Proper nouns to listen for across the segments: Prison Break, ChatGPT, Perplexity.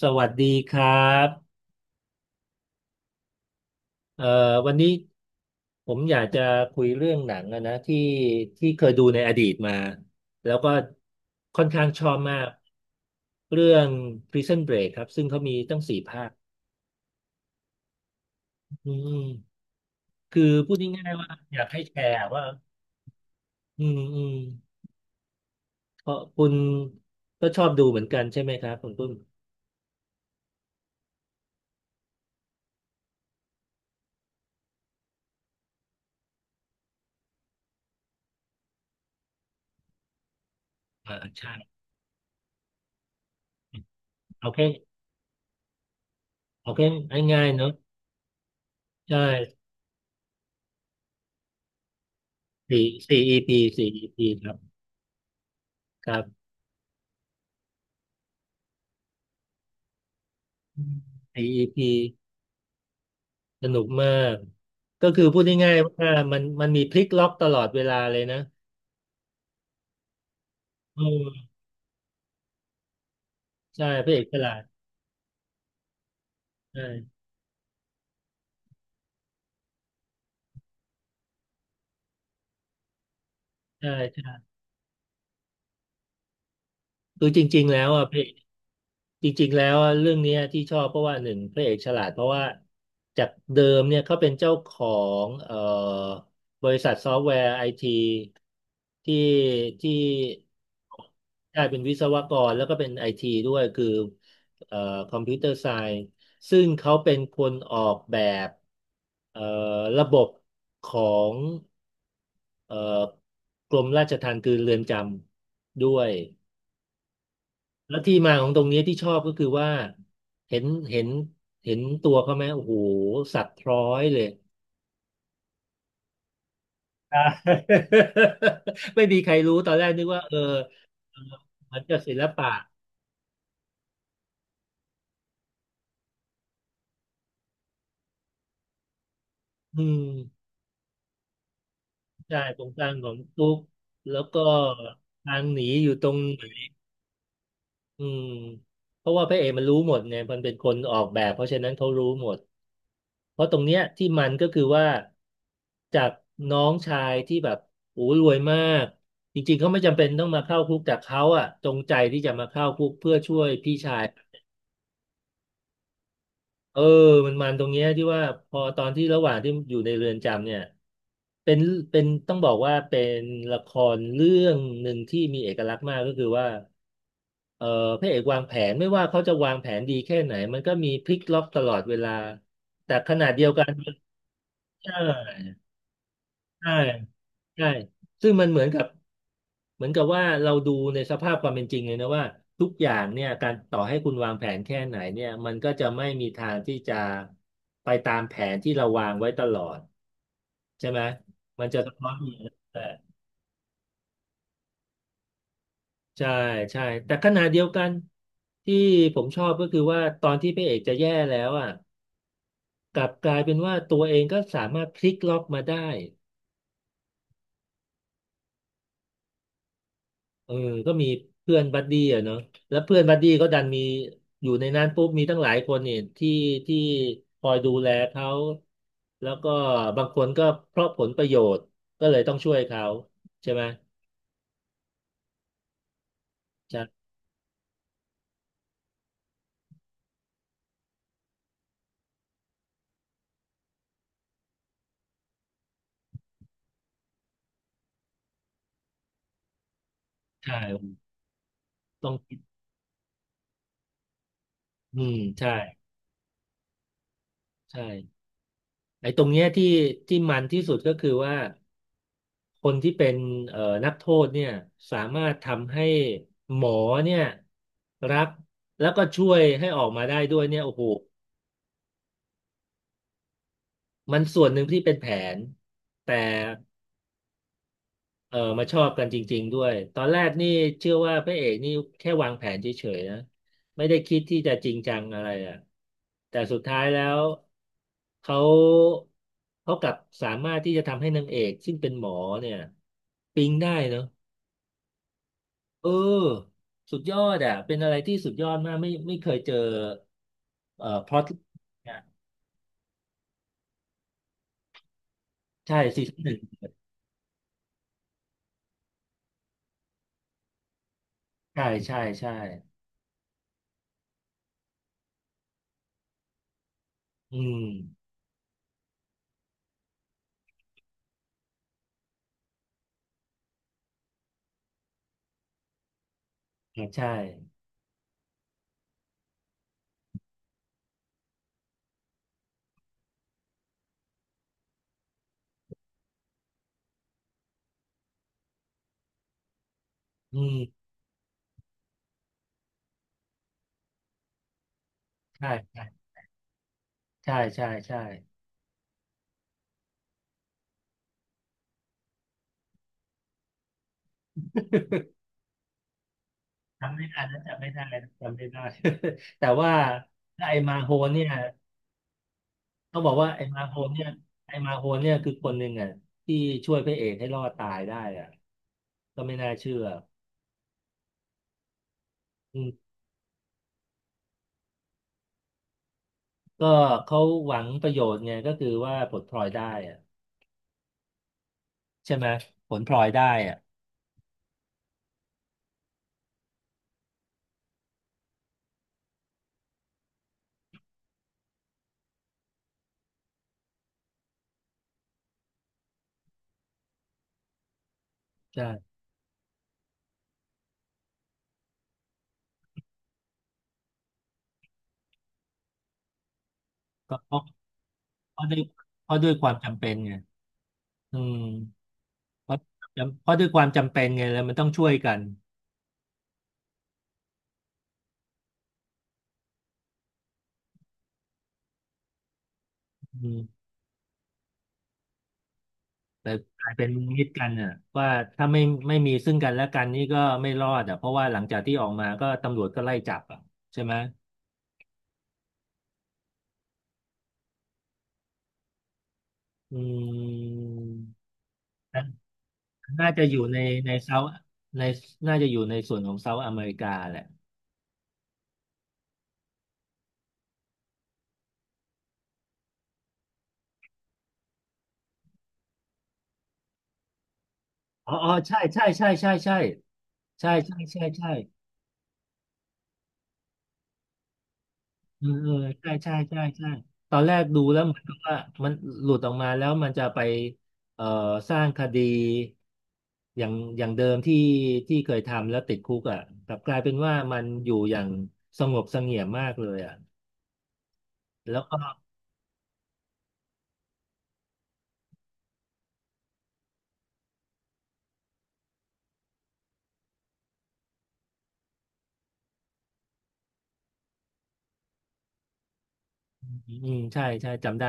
สวัสดีครับเอ่อวันนี้ผมอยากจะคุยเรื่องหนังอะนะที่เคยดูในอดีตมาแล้วก็ค่อนข้างชอบมากเรื่อง Prison Break ครับซึ่งเขามีตั้งสี่ภาคอืมคือพูดง่ายๆว่าอยากให้แชร์ว่าอืมเพราะคุณก็ชอบดูเหมือนกันใช่ไหมครับคุณปุ้มอ่าใช่เอาแค่เอาแค่ง่ายๆเนอะใช่สี่ EP สี่อีพีครับครับ c e ีพี สนุกมาก ก็คือพูดง่ายๆว่ามันมีพลิกล็อกตลอดเวลาเลยนะอืมใช่พระเอกฉลาดใช่ใช่ใช่คือจริงๆแล้วอ่ะพระเอก จริงๆแล้วเรื่องเนี้ยที่ชอบเพราะว่าหนึ่งพระเอกฉลาดเพราะว่าจากเดิมเนี่ยเขาเป็นเจ้าของบริษัทซอฟต์แวร์ไอทีที่ที่ได้เป็นวิศวกรแล้วก็เป็นไอทีด้วยคือเอ่อคอมพิวเตอร์ไซน์ซึ่งเขาเป็นคนออกแบบเอ่อระบบของเอ่อกรมราชทัณฑ์คือเรือนจำด้วย แล้วที่มาของตรงเนี้ยที่ชอบก็คือว่าเห็นเห็นเห็นตัวเขาไหมโอ้โหสัตว์พร้อยเลยอ่า ไม่มีใครรู้ตอนแรกนึกว่าเออมันกับศิลปะอืมใช่ตรงกลางของตุ๊กแล้วก็ทางหนีอยู่ตรงไหนอืมเพราะว่าพระเอกมันรู้หมดไงมันเป็นคนออกแบบเพราะฉะนั้นเขารู้หมด เพราะตรงเนี้ยที่มันก็คือว่าจากน้องชายที่แบบโอ้รวยมากจริงๆเขาไม่จำเป็นต้องมาเข้าคุกแต่เขาอะจงใจที่จะมาเข้าคุกเพื่อช่วยพี่ชายเออมันตรงเนี้ยที่ว่าพอตอนที่ระหว่างที่อยู่ในเรือนจำเนี่ยเป็นเป็นต้องบอกว่าเป็นละครเรื่องหนึ่งที่มีเอกลักษณ์มากก็คือว่าเออพระเอกวางแผนไม่ว่าเขาจะวางแผนดีแค่ไหนมันก็มีพลิกล็อกตลอดเวลาแต่ขณะเดียวกันใช่ใช่ ใช่ซึ่งมันเหมือนกับเหมือนกับว่าเราดูในสภาพความเป็นจริงเลยนะว่าทุกอย่างเนี่ยการต่อให้คุณวางแผนแค่ไหนเนี่ยมันก็จะไม่มีทางที่จะไปตามแผนที่เราวางไว้ตลอดใช่ไหมมันจะสะท้อนอย่างนั้นแต่ใช่ใช่แต่ขณะเดียวกันที่ผมชอบก็คือว่าตอนที่พระเอกจะแย่แล้วอ่ะกลับกลายเป็นว่าตัวเองก็สามารถพลิกล็อกมาได้ เออก็มีเพื่อนบัดดี้อะเนาะแล้วเพื่อนบัดดี้ก็ดันมีอยู่ในนั้นปุ๊บมีตั้งหลายคนเนี่ยที่คอยดูแลเขา แล้วก็บางคนก็เพราะผลประโยชน์ก็เลยต้องช่วยเขาใช่ไหม ใช่ใช่ต้องคิดอืมใช่ ไอ้ตรงเนี้ยที่มันที่สุดก็คือว่าคนที่เป็นนักโทษเนี่ยสามารถทำให้หมอเนี่ยรับแล้วก็ช่วยให้ออกมาได้ด้วยเนี่ยโอ้โห มันส่วนหนึ่งที่เป็นแผนแต่เออมาชอบกันจริงๆด้วยตอนแรกนี่เชื่อว่าพระเอกนี่แค่วางแผนเฉยๆนะไม่ได้คิดที่จะจริงจังอะไรอ่ะแต่สุดท้ายแล้วเขาเขากลับสามารถที่จะทำให้นางเอกซึ่งเป็นหมอเนี่ยปิ๊งได้เนอะเออสุดยอดอ่ะเป็นอะไรที่สุดยอดมากไม่เคยเจอพล็อตใช่ซีซั่นหนึ่งใช่อืมครับใช่ อืมใช่ใช่ใช่จำไม่ได้ แต่ว่าไอ้มาโฮนเนี่ยต้องบอกว่าไอ้มาโฮนเนี่ยคือคนหนึ่งอ่ะที่ช่วยพระเอกให้รอดตายได้อ่ะก็ไม่น่าเชื่ออืมก็เขาหวังประโยชน์ไงก็คือว่าผลพลอยได้อ่ะใช่ไหมผลพลอยได้อ่ะใช่ก็เพราะด้วยเพราะด้วยความจำเป็นไงอืมเพราะด้วยความจำเป็นไงแล้วมันต้องช่วยกันอืม แต่กลายเป็นมิตรกันอ่ะว่าถ้าไม่ไม่มีซึ่งกันและกันนี่ก็ไม่รอดอ่ะเพราะว่าหลังจากที่ออกมาก็ตำรวจก็ไล่จับอ่ะใช่ไหมอืมน่าน่าจะอยู่ในในเซาในน่าจะอยู่ในส่วนของเซาท์อเมริกาแหละอ๋อใช่ใช่ใช่ใช่ใช่ใช่ใช่ใช่ใช่ เออใช่ตอนแรกดูแล้วเหมือนกับว่ามันหลุดออกมาแล้วมันจะไปเอ่อสร้างคดีอย่างอย่างเดิมที่เคยทำแล้วติดคุกอ่ะกลับกลายเป็นว่ามันอยู่อย่างสงบเสงี่ยมมากเลยอ่ะแล้วก็อืมใช่จำได้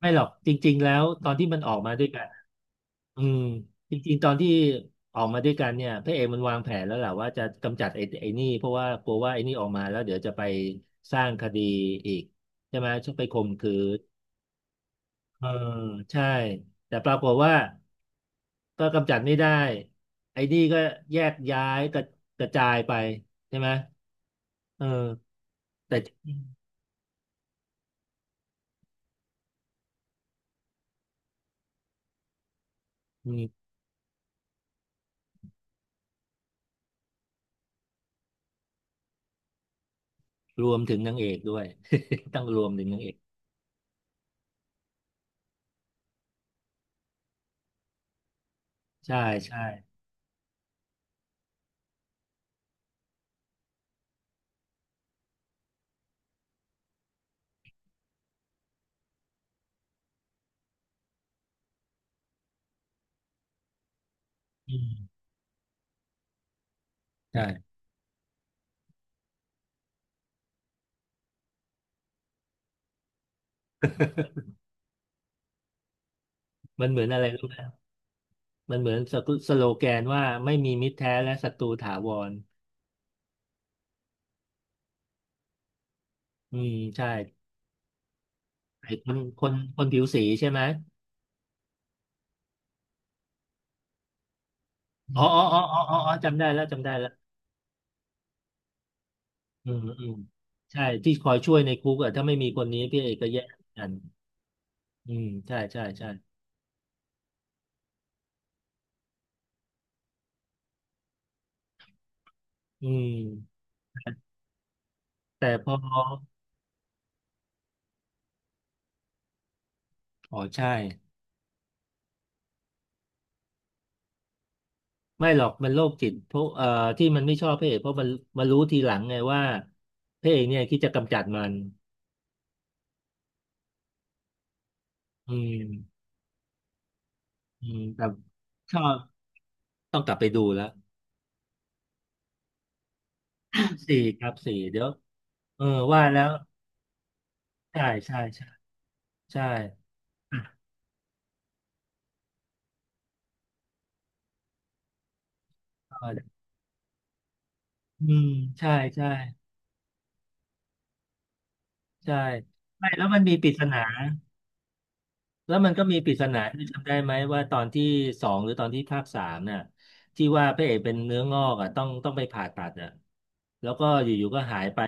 ไม่หรอกจริงๆแล้วตอนที่มันออกมาด้วยกัน อืมจริงๆตอนที่ออกมาด้วยกันเนี่ยพระเอกมันวางแผนแล้วแหละว่าจะกำจัดไอ้นี่เพราะว่ากลัวว่าไอ้นี่ออกมาแล้วเดี๋ยวจะไปสร้างคดีอีกใช่ไหมชอบไปข่มขืนเออใช่แต่ปรากฏว่าก็กำจัดไม่ได้ไอ้นี่ก็แยกย้ายกระจายไปใช่ไหมเออแต่อืมรวมถึงนางเอกด้วย ต้องรวมถึงนางเอกใช่ใช่อืมใช่มันเหมือนอะไรรู้ไหม มันเหมือนสกุสโลแกนว่าไม่มีมิตรแท้และศัตรูถาวรอืมใช่ไอ้คนผิวสีใช่ไหมอ๋ออ๋ออ๋ออ๋ออ๋ออ๋อจำได้แล้วจำได้แล้วอืมอืมใช่ที่คอยช่วยในคุกอะถ้าไม่มีคนนี้พี่เอกก็แย่เหมือนกันอืมใช่ใช่ใช่อืมแต่พออ๋อใช่ไม่หรอกมันโรคจิตเพราะที่มันไม่ชอบพระเอกเพราะมันรู้ทีหลังไงว่าพระเอกเนี่ยคิดจะกำจัดมันอืมอืมแต่ชอบต้องกลับไปดูแล้ว สี่ครับสี่เดี๋ยวเออว่าแล้วใช่ใช่ใช่ใช่อ่ะก็อเลยอืมใช่ใช่ใช่ไม่แล้วมันมีปริศนาแล้วมันก็มีปริศนาที่จำได้ไหมว่าตอนที่สองหรือตอนที่ภาคสามน่ะที่ว่าพระเอกเป็นเนื้องอกอ่ะต้องไปผ่าตัดอ่ะแล้วก็อยู่ๆก็หายไป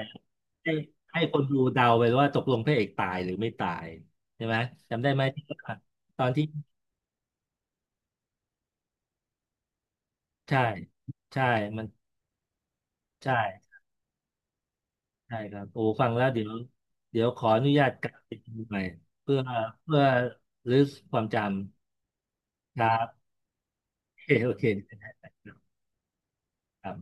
ให้ให้คนดูเดาไปว่าตกลงพระเอกตายหรือไม่ตายใช่ไหมจำได้ไหมที่ว่าตอนที่ใช่ใช่มันใช่ ใช่ครับโอ้ฟังแล้วเดี๋ยวขออนุญาตกลับไปดูใหม่เพื่อเพื่อรื้อความจำครับโอเคโอเคครับ